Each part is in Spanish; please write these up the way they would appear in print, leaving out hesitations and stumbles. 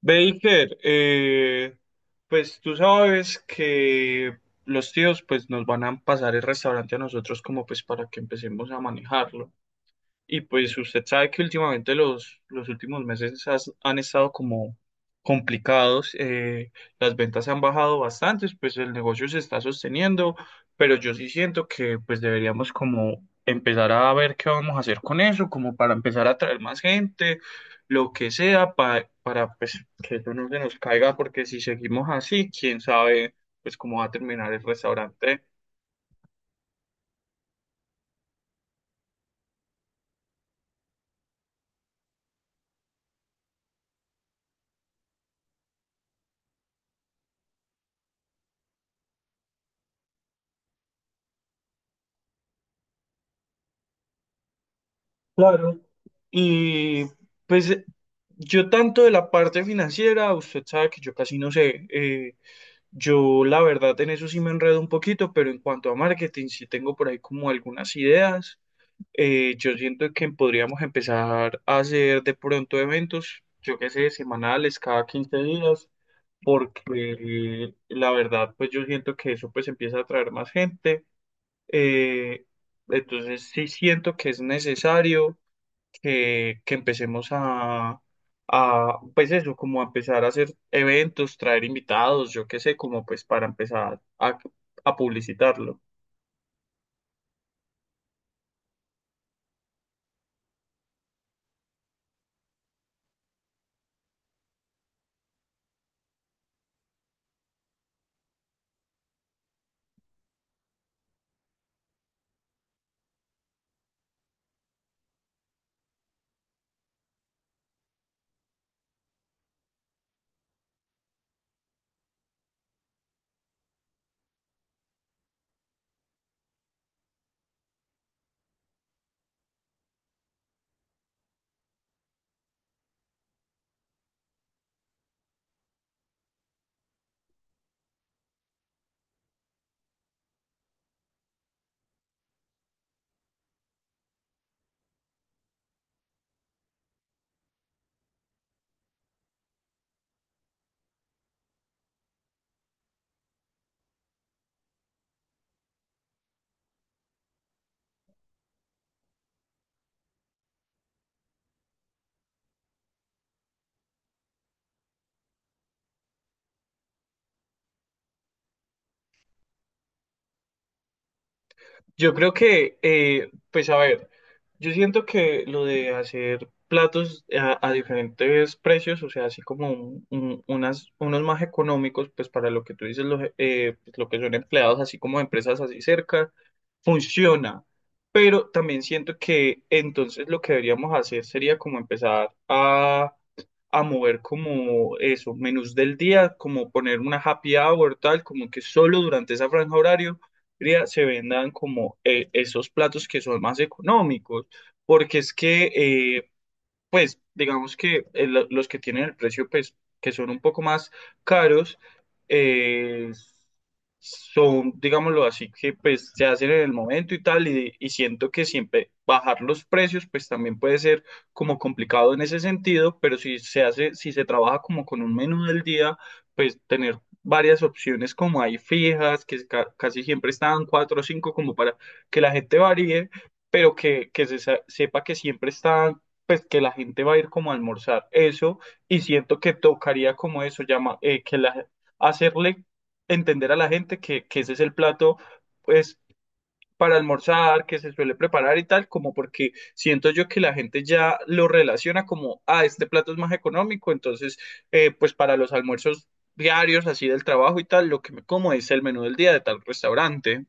Baker, pues tú sabes que los tíos pues nos van a pasar el restaurante a nosotros como pues para que empecemos a manejarlo. Y pues usted sabe que últimamente los últimos meses han estado como complicados, las ventas han bajado bastante, pues el negocio se está sosteniendo, pero yo sí siento que pues deberíamos como empezar a ver qué vamos a hacer con eso, como para empezar a atraer más gente, lo que sea, para pues que eso no se nos caiga, porque si seguimos así, quién sabe pues cómo va a terminar el restaurante. Claro. Y pues yo tanto de la parte financiera, usted sabe que yo casi no sé, yo la verdad en eso sí me enredo un poquito, pero en cuanto a marketing sí tengo por ahí como algunas ideas. Yo siento que podríamos empezar a hacer de pronto eventos, yo qué sé, semanales, cada 15 días, porque la verdad pues yo siento que eso pues empieza a atraer más gente. Eh, entonces sí siento que es necesario que empecemos pues eso, como a empezar a hacer eventos, traer invitados, yo qué sé, como pues para empezar a publicitarlo. Yo creo que, pues a ver, yo siento que lo de hacer platos a diferentes precios, o sea, así como unos más económicos, pues para lo que tú dices, lo, pues, lo que son empleados, así como empresas así cerca, funciona. Pero también siento que entonces lo que deberíamos hacer sería como empezar a mover como eso, menús del día, como poner una happy hour, tal, como que solo durante esa franja horario Cría se vendan como esos platos que son más económicos, porque es que pues digamos que los que tienen el precio, pues que son un poco más caros, eh, son, digámoslo así, que pues se hacen en el momento y tal, y siento que siempre bajar los precios, pues también puede ser como complicado en ese sentido, pero si se hace, si se trabaja como con un menú del día, pues tener varias opciones como hay fijas, que casi siempre están cuatro o cinco como para que la gente varíe. Pero que se sepa que siempre están, pues que la gente va a ir como a almorzar eso. Y siento que tocaría como eso, llama, que la, hacerle entender a la gente que ese es el plato pues para almorzar, que se suele preparar y tal, como porque siento yo que la gente ya lo relaciona como, ah, este plato es más económico, entonces pues para los almuerzos diarios así del trabajo y tal, lo que me como es el menú del día de tal restaurante.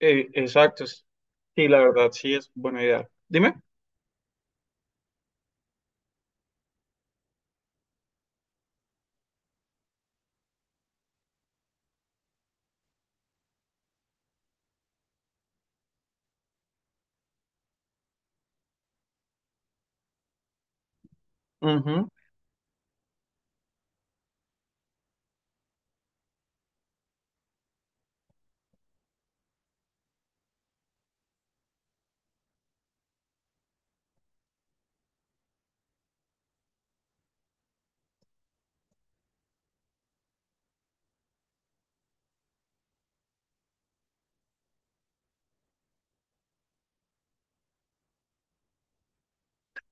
Exacto. Sí, la verdad sí es buena idea. Dime. Ujú.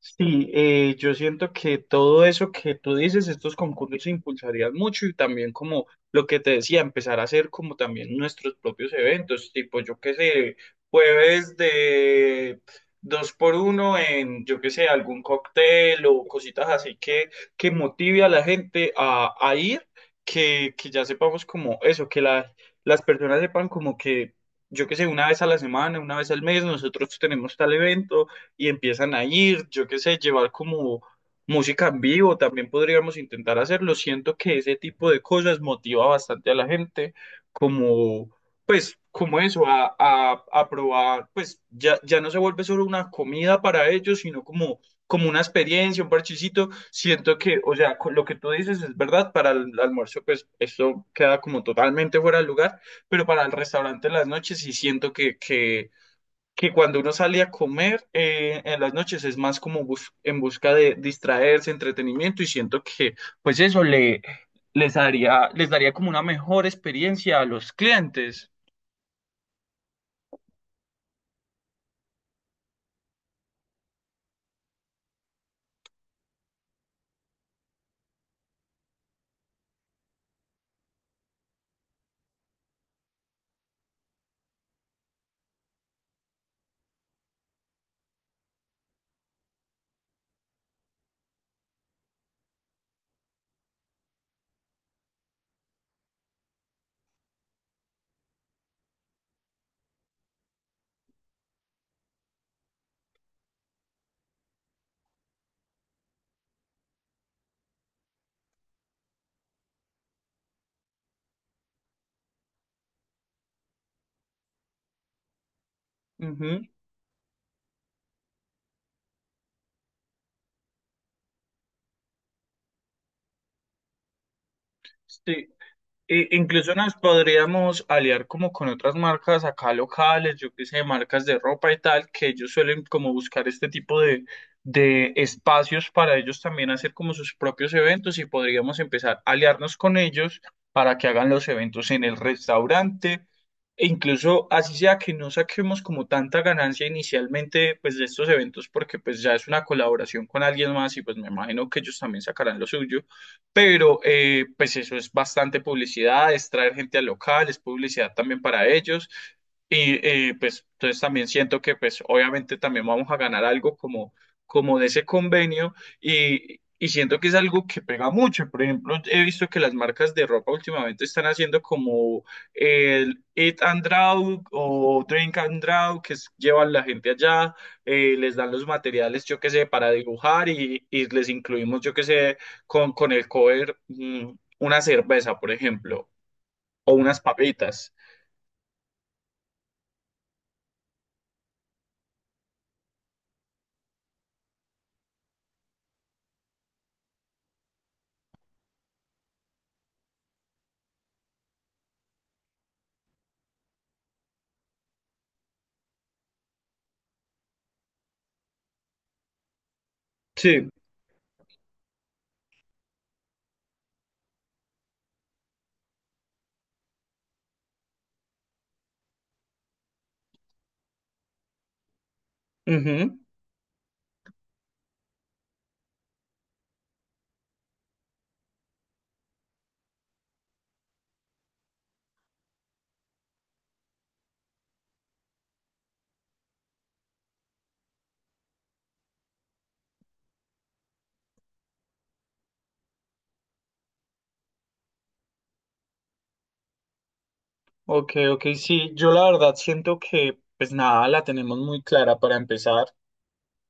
Sí, yo siento que todo eso que tú dices, estos concursos impulsarían mucho y también como lo que te decía, empezar a hacer como también nuestros propios eventos, tipo yo qué sé, jueves de dos por uno en yo qué sé, algún cóctel o cositas así que motive a la gente a ir, que ya sepamos como eso, que las personas sepan como que yo qué sé, una vez a la semana, una vez al mes, nosotros tenemos tal evento y empiezan a ir, yo qué sé, llevar como música en vivo, también podríamos intentar hacerlo. Siento que ese tipo de cosas motiva bastante a la gente, como, pues, como eso, a probar, pues ya, ya no se vuelve solo una comida para ellos, sino como, como una experiencia, un parchecito. Siento que, o sea, con lo que tú dices es verdad, para el almuerzo, pues esto queda como totalmente fuera de lugar, pero para el restaurante en las noches sí siento que que cuando uno sale a comer en las noches es más como en busca de distraerse, entretenimiento y siento que pues eso le les daría como una mejor experiencia a los clientes. Ujú. Sí. Incluso nos podríamos aliar como con otras marcas acá locales, yo qué sé, marcas de ropa y tal, que ellos suelen como buscar este tipo de espacios para ellos también hacer como sus propios eventos y podríamos empezar a aliarnos con ellos para que hagan los eventos en el restaurante. E incluso así sea que no saquemos como tanta ganancia inicialmente pues de estos eventos porque pues ya es una colaboración con alguien más y pues me imagino que ellos también sacarán lo suyo, pero pues eso es bastante publicidad, es traer gente al local, es publicidad también para ellos. Y pues entonces también siento que pues obviamente también vamos a ganar algo como, como de ese convenio y siento que es algo que pega mucho. Por ejemplo, he visto que las marcas de ropa últimamente están haciendo como el Eat and Draw o Drink and Draw, que llevan la gente allá, les dan los materiales, yo qué sé, para dibujar y les incluimos, yo qué sé, con el cover una cerveza, por ejemplo, o unas papitas. Sí, ujú. Ok, ok, sí, yo la verdad siento que, pues nada, la tenemos muy clara para empezar.